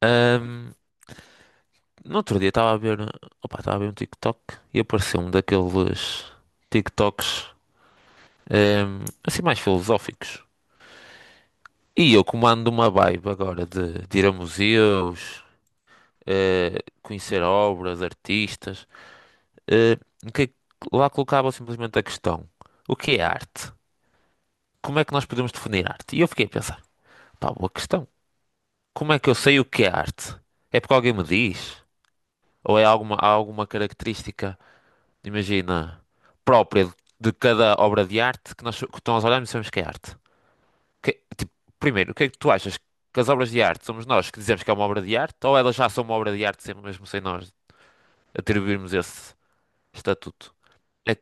Ahm, no outro dia estava a ver, opa, estava a ver um TikTok e apareceu um daqueles TikToks, assim mais filosóficos. E eu comando uma vibe agora de ir a museus, conhecer obras, artistas, eh, que lá colocava simplesmente a questão: o que é arte? Como é que nós podemos definir arte? E eu fiquei a pensar: pá, boa questão. Como é que eu sei o que é arte? É porque alguém me diz? Ou é alguma, há alguma característica? Imagina, própria de cada obra de arte que nós olhamos e sabemos que é arte. Tipo, primeiro, o que é que tu achas? Que as obras de arte somos nós que dizemos que é uma obra de arte ou elas já são uma obra de arte sempre mesmo sem nós atribuirmos esse estatuto? É,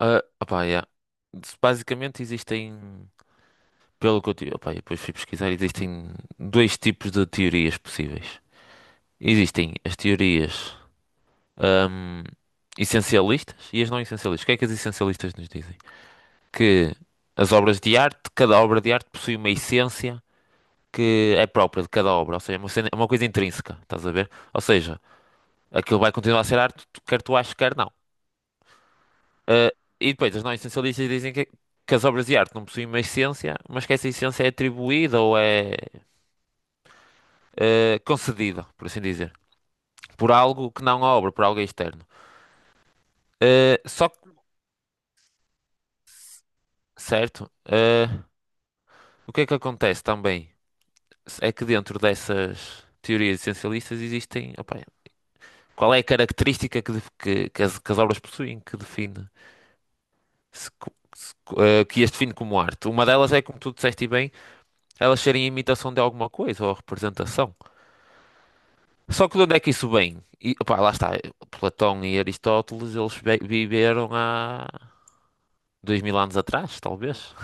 ah, opá, yeah. Basicamente existem, pelo que eu tive, opá, eu depois fui pesquisar, existem dois tipos de teorias possíveis. Existem as teorias, ahm, essencialistas e as não essencialistas. O que é que as essencialistas nos dizem? Que as obras de arte, cada obra de arte possui uma essência que é própria de cada obra, ou seja, é uma coisa intrínseca, estás a ver? Ou seja, aquilo vai continuar a ser arte, quer tu aches, quer não. Ah, e depois, os não-essencialistas dizem que as obras de arte não possuem uma essência, mas que essa essência é atribuída ou é concedida, por assim dizer, por algo que não a obra, por algo externo. Ah, só que, certo, ah, o que é que acontece também? É que dentro dessas teorias essencialistas existem, opá, qual é a característica que, def- que as obras possuem que define se co- se co- eh, que as define como arte? Uma delas é, como tu disseste e bem, elas serem imitação de alguma coisa ou representação. Só que de onde é que isso vem? E, opá, lá está, Platão e Aristóteles, eles viveram há 2000 anos atrás, talvez.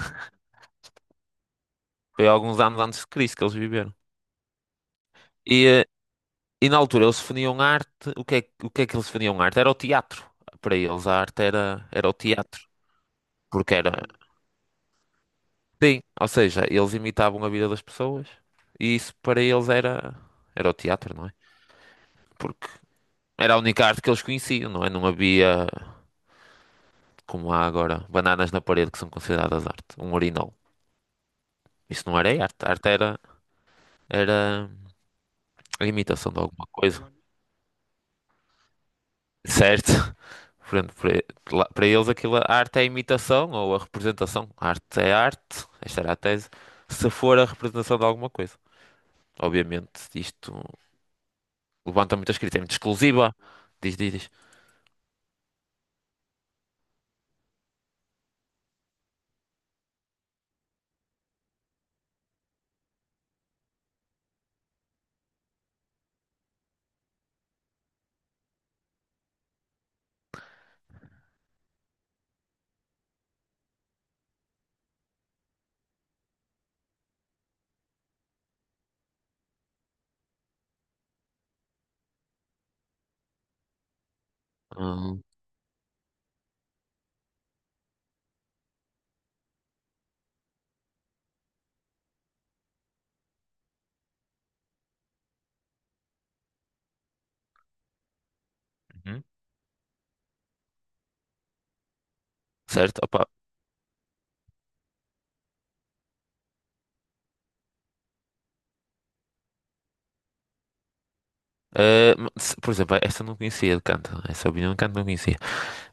Foi alguns anos antes de Cristo que eles viveram. E, e na altura eles definiam arte, o que é, o que é que eles definiam arte? Era o teatro. Para eles a arte era, era o teatro, porque era... Sim, ou seja, eles imitavam a vida das pessoas e isso para eles era, era o teatro, não é? Porque era a única arte que eles conheciam, não é? Não havia, como há agora, bananas na parede que são consideradas arte, um urinol. Isso não era arte, arte era, era a imitação de alguma coisa, certo? Portanto, para eles aquilo, a arte é a imitação ou a representação. A arte é arte, esta era a tese, se for a representação de alguma coisa. Obviamente, isto levanta muitas críticas, é muito exclusiva. Diz, diz, diz. Hum. Uhum. Certo, opa. Por exemplo, esta eu não conhecia de canto. Essa opinião de canto não conhecia.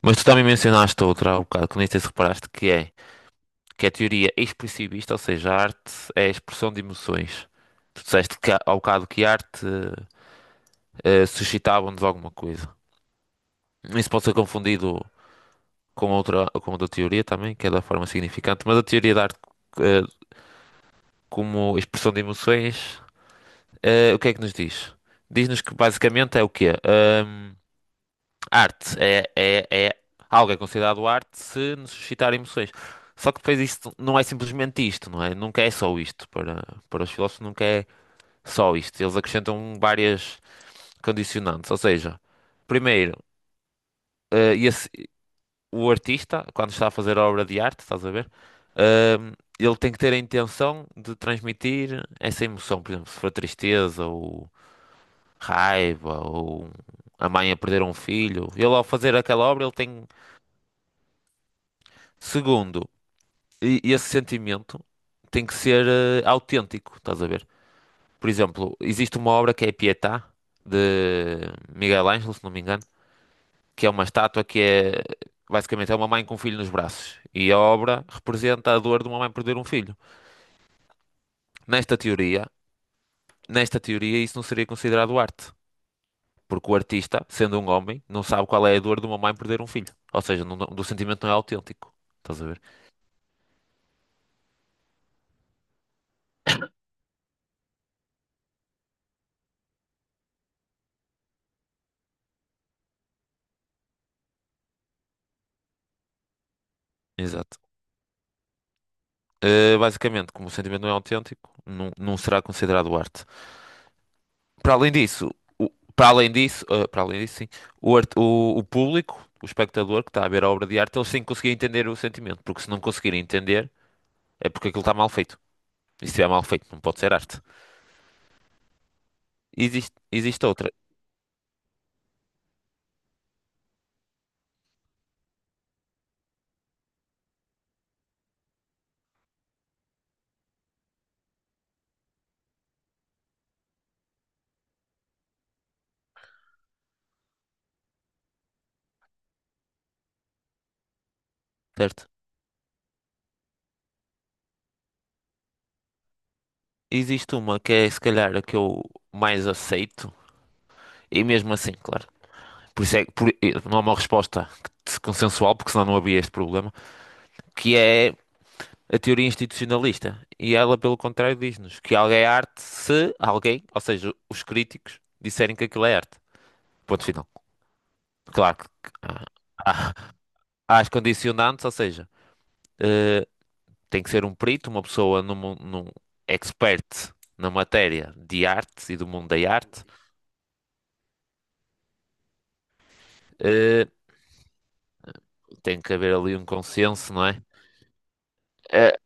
Mas tu também mencionaste outra há um bocado, que nem sei se reparaste, que é a teoria expressivista, ou seja, a arte é a expressão de emoções. Tu disseste ao bocado que a arte suscitava-nos alguma coisa. Isso pode ser confundido com outra teoria também, que é da forma significante, mas a teoria da arte eh, como expressão de emoções, o que é que nos diz? Diz-nos que basicamente é o quê? Hum. Arte é algo é considerado arte se nos suscitar emoções. Só que depois isto não é simplesmente isto, não é? Nunca é só isto. Para os filósofos nunca é só isto. Eles acrescentam várias condicionantes. Ou seja, primeiro, eh, esse- o artista, quando está a fazer a obra de arte, estás a ver? Eh, Ele tem que ter a intenção de transmitir essa emoção. Por exemplo, se for tristeza ou raiva ou a mãe a perder um filho. Ele ao fazer aquela obra, ele tem... Segundo, e esse sentimento tem que ser autêntico, estás a ver? Por exemplo, existe uma obra que é a Pietà, de Miguel Ângelo, se não me engano, que é uma estátua que é basicamente é uma mãe com um filho nos braços. E a obra representa a dor de uma mãe perder um filho. Nesta teoria, nesta teoria, isso não seria considerado arte, porque o artista, sendo um homem, não sabe qual é a dor de uma mãe perder um filho. Ou seja, do sentimento não é autêntico. Estás a ver? Exato. Basicamente, como o sentimento não é autêntico, não será considerado arte. Para além disso, o- para além disso, sim, o público, o espectador que está a ver a obra de arte, ele sim conseguia entender o sentimento, porque se não conseguir entender, é porque aquilo está mal feito. E se estiver mal feito, não pode ser arte. Existe outra, certo? Existe uma que é se calhar a que eu mais aceito, e mesmo assim, claro. Por isso é que não há uma resposta que se- consensual, porque senão não havia este problema, que é a teoria institucionalista. E ela, pelo contrário, diz-nos que algo é arte se alguém, ou seja, os críticos, disserem que aquilo é arte. Ponto final. Claro que há, há- há as condicionantes, ou seja, eh, tem que ser um perito, uma pessoa num expert na matéria de arte e do mundo da arte. Eh, Tem que haver ali um consenso, não é? Eh,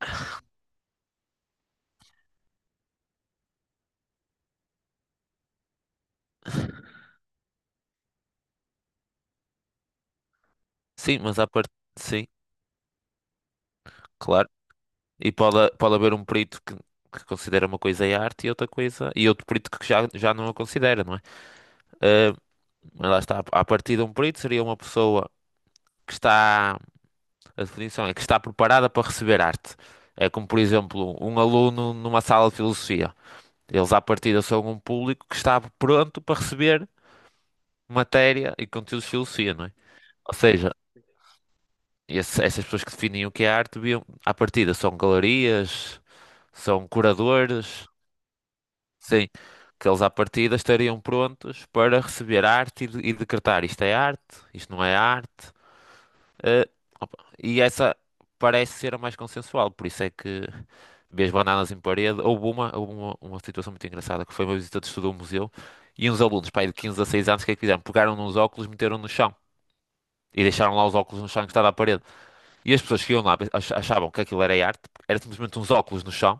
sim, mas à parte, sim, claro. E pode haver um perito que considera uma coisa é arte e outra coisa. E outro perito já não a considera, não é? Ah, mas lá está. A partir de um perito seria uma pessoa que está. A definição é que está preparada para receber arte. É como, por exemplo, um aluno numa sala de filosofia. Eles, à partida, são um público que está pronto para receber matéria e conteúdos de filosofia, não é? Ou seja, essas pessoas que definem o que é arte, deviam, à partida, são galerias, são curadores. Sim, que eles à partida estariam prontos para receber arte e decretar isto é arte, isto não é arte. eh, opa, e essa parece ser a mais consensual, por isso é que vês bananas em parede. Houve uma situação muito engraçada que foi uma visita de estudo a um museu e uns alunos, pai de 15 a 6 anos, o que é que fizeram? Pegaram nos óculos, meteram no chão. E deixaram lá os óculos no chão que estava à parede. E as pessoas que iam lá achavam que aquilo era arte, era simplesmente uns óculos no chão,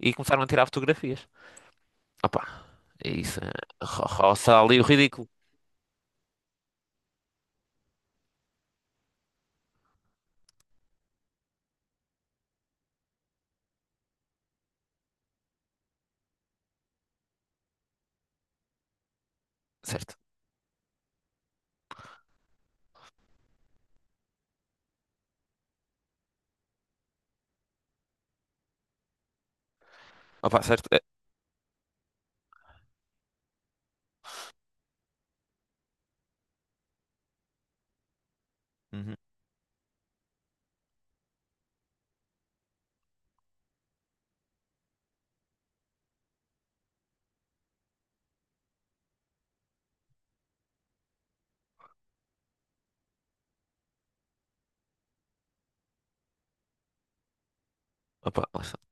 e começaram a tirar fotografias. Opa, é isso. Roça ali o ridículo. Certo. Opa, certo. Eh. Uhum. Opa, lá está.